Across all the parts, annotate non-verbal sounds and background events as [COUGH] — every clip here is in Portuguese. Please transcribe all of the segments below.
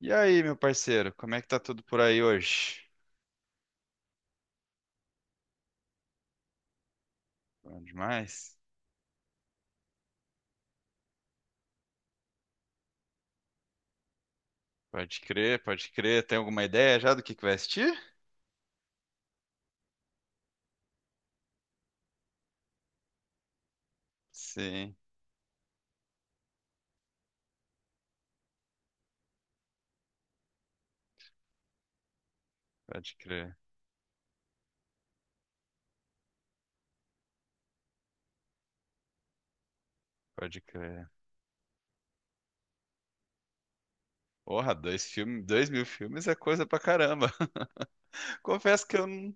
E aí, meu parceiro, como é que tá tudo por aí hoje? Bom demais? Pode crer, pode crer. Tem alguma ideia já do que vai assistir? Sim, pode crer, pode crer. Porra, 2.000 filmes é coisa pra caramba. [LAUGHS] Confesso que eu não,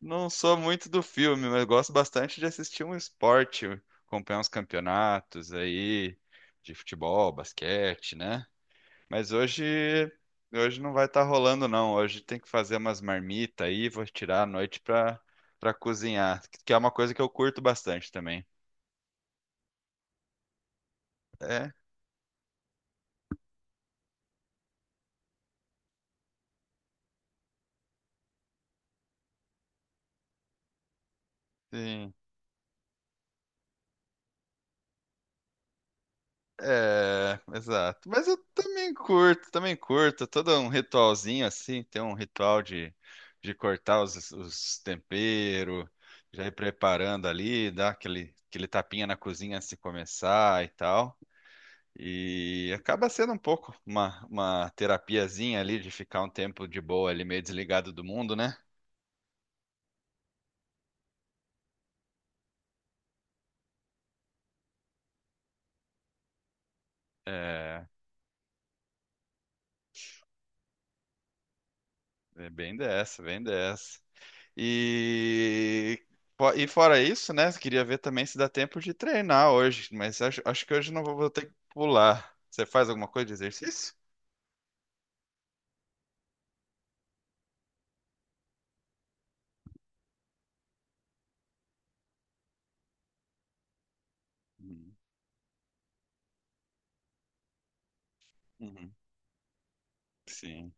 não sou muito do filme, mas gosto bastante de assistir um esporte, acompanhar uns campeonatos aí de futebol, basquete, né? Mas hoje não vai estar rolando, não. Hoje tem que fazer umas marmitas aí, vou tirar a noite pra cozinhar, que é uma coisa que eu curto bastante também. É, sim. É, exato. Mas eu também curto, também curto. Todo um ritualzinho assim, tem um ritual de cortar os temperos, já ir preparando ali, dar aquele tapinha na cozinha antes de começar e tal. E acaba sendo um pouco uma terapiazinha ali de ficar um tempo de boa ali, meio desligado do mundo, né? É, é bem dessa, bem dessa. E, e fora isso, né? Queria ver também se dá tempo de treinar hoje, mas acho que hoje não vou, vou ter que pular. Você faz alguma coisa de exercício? Uhum. Uhum. Sim,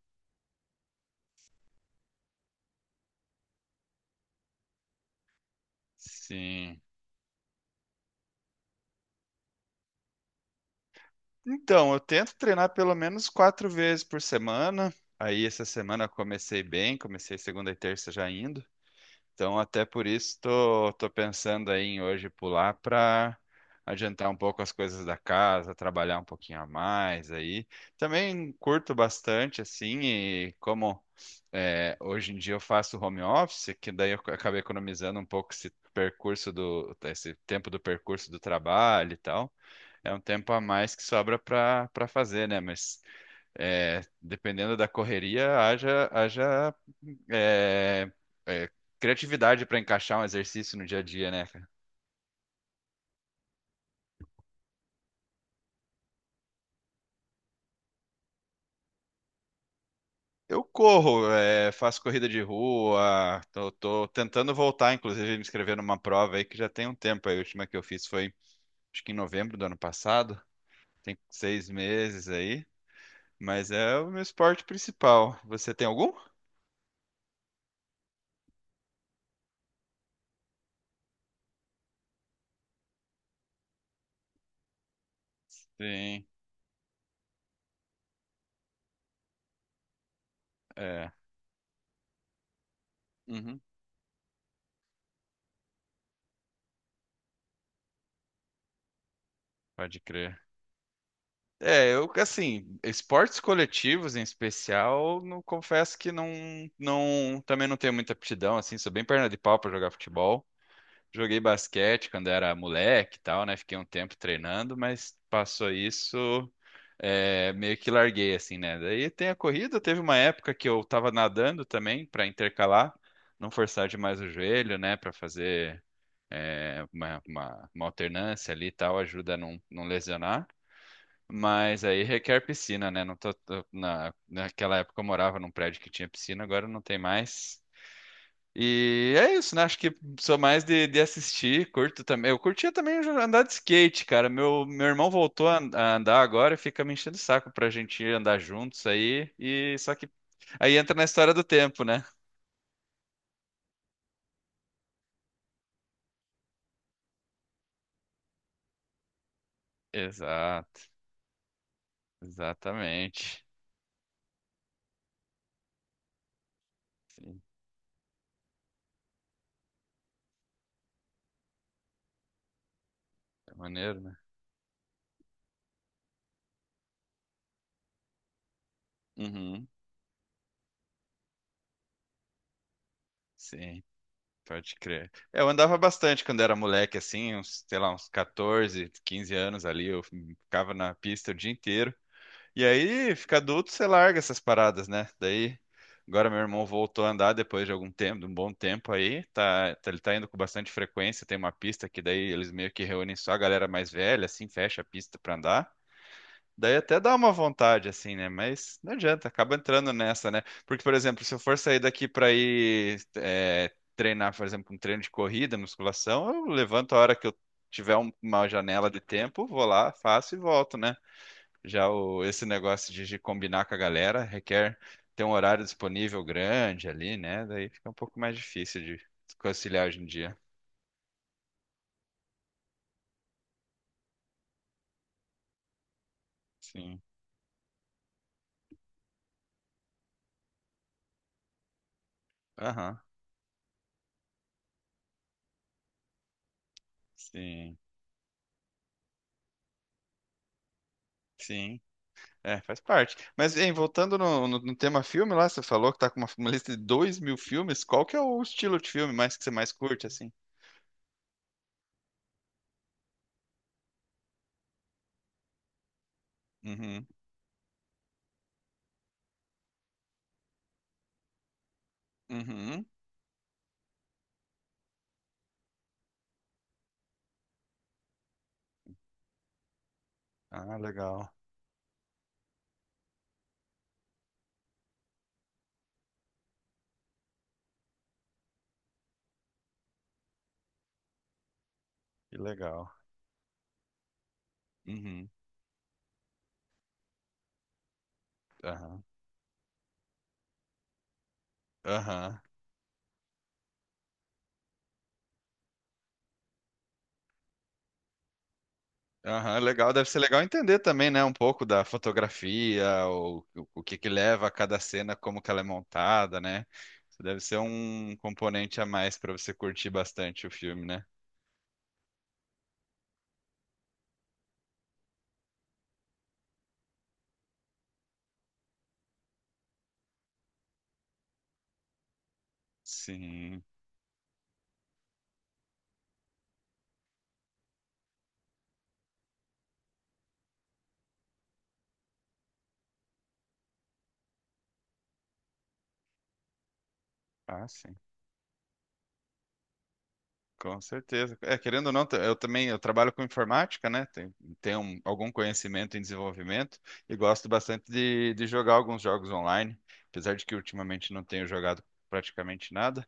sim. Então, eu tento treinar pelo menos 4 vezes por semana. Aí essa semana eu comecei bem, comecei segunda e terça já indo. Então, até por isso, tô pensando aí em hoje pular para adiantar um pouco as coisas da casa, trabalhar um pouquinho a mais aí. Também curto bastante, assim, e como é, hoje em dia eu faço home office, que daí eu acabei economizando um pouco esse tempo do percurso do trabalho e tal. É um tempo a mais que sobra para fazer, né? Mas é, dependendo da correria, haja, haja é, é, criatividade para encaixar um exercício no dia a dia, né, cara? Eu corro, faço corrida de rua, tô tentando voltar, inclusive, me inscrever numa prova aí que já tem um tempo. Aí, a última que eu fiz foi, acho que em novembro do ano passado, tem 6 meses aí, mas é o meu esporte principal. Você tem algum? Sim, é. Uhum, pode crer. É, eu, assim, esportes coletivos em especial, não confesso que não, também não tenho muita aptidão, assim, sou bem perna de pau para jogar futebol. Joguei basquete quando era moleque e tal, né? Fiquei um tempo treinando, mas passou isso, meio que larguei, assim, né? Daí tem a corrida, teve uma época que eu tava nadando também para intercalar, não forçar demais o joelho, né? Para fazer uma alternância ali e tal, ajuda a não lesionar. Mas aí requer piscina, né? Não tô, tô- na, naquela época eu morava num prédio que tinha piscina, agora não tem mais. E é isso, né? Acho que sou mais de assistir, curto também. Eu curtia também andar de skate, cara. Meu irmão voltou a andar agora e fica me enchendo o saco pra gente ir andar juntos aí. E só que aí entra na história do tempo, né? Exato, exatamente. Sim, é maneiro, né? Uhum, sim. Pode crer. É, eu andava bastante quando era moleque, assim, uns, sei lá, uns 14, 15 anos ali, eu ficava na pista o dia inteiro. E aí, fica adulto, você larga essas paradas, né? Daí, agora meu irmão voltou a andar depois de algum tempo, de um bom tempo aí, ele tá indo com bastante frequência, tem uma pista que daí eles meio que reúnem só a galera mais velha, assim, fecha a pista pra andar. Daí até dá uma vontade, assim, né? Mas não adianta, acaba entrando nessa, né? Porque, por exemplo, se eu for sair daqui para ir treinar, por exemplo, um treino de corrida, musculação, eu levanto a hora que eu tiver uma janela de tempo, vou lá, faço e volto, né? Já esse negócio de combinar com a galera requer ter um horário disponível grande ali, né? Daí fica um pouco mais difícil de conciliar hoje em dia. Sim. Aham. Sim. Sim. É, faz parte. Mas, hein, voltando no tema filme lá, você falou que tá com uma lista de 2.000 filmes. Qual que é o estilo de filme mais que você mais curte, assim? Uhum. Uhum. Ah, legal. Que legal. Uhum. Aham. Aham. Aham. Legal. Deve ser legal entender também, né? Um pouco da fotografia, o que que leva a cada cena, como que ela é montada, né? Isso deve ser um componente a mais para você curtir bastante o filme, né? Sim. Ah, sim. Com certeza. É, querendo ou não, t- eu também eu trabalho com informática, né? Tenho algum conhecimento em desenvolvimento e gosto bastante de jogar alguns jogos online, apesar de que ultimamente não tenho jogado praticamente nada.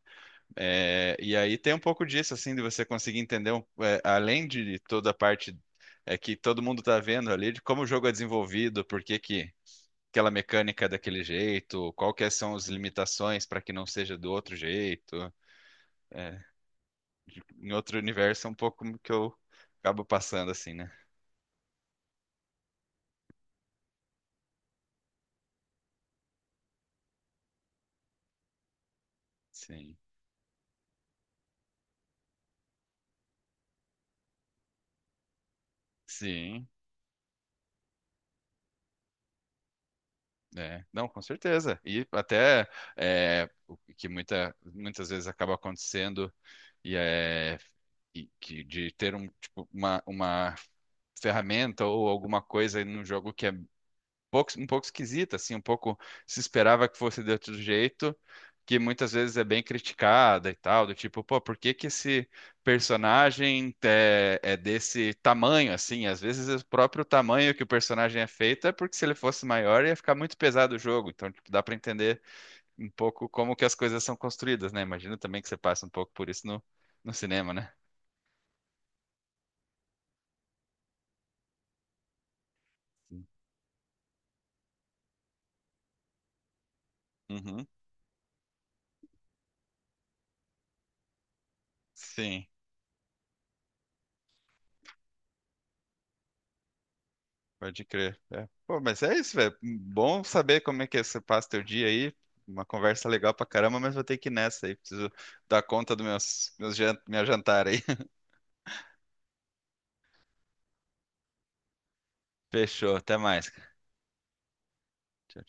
É, e aí tem um pouco disso, assim, de você conseguir entender, além de toda a parte que todo mundo está vendo ali, de como o jogo é desenvolvido, por que que aquela mecânica é daquele jeito, quais são as limitações para que não seja do outro jeito em outro universo é um pouco como que eu acabo passando assim, né? Sim. Sim, é. Não, com certeza. E até o que muitas vezes acaba acontecendo e é e que de ter um, tipo, uma ferramenta ou alguma coisa num jogo que é um pouco esquisita, assim, um pouco se esperava que fosse de outro jeito, que muitas vezes é bem criticada e tal, do tipo, pô, por que que esse personagem é desse tamanho, assim? Às vezes é o próprio tamanho que o personagem é feito é porque se ele fosse maior ia ficar muito pesado o jogo, então tipo, dá pra entender um pouco como que as coisas são construídas, né? Imagino também que você passa um pouco por isso no cinema, né? Uhum. Sim. Pode crer. É. Pô, mas é isso, velho. Bom saber como é que você passa teu dia aí. Uma conversa legal pra caramba, mas vou ter que ir nessa aí. Preciso dar conta do minha jantar aí. [LAUGHS] Fechou. Até mais, cara. Tchau.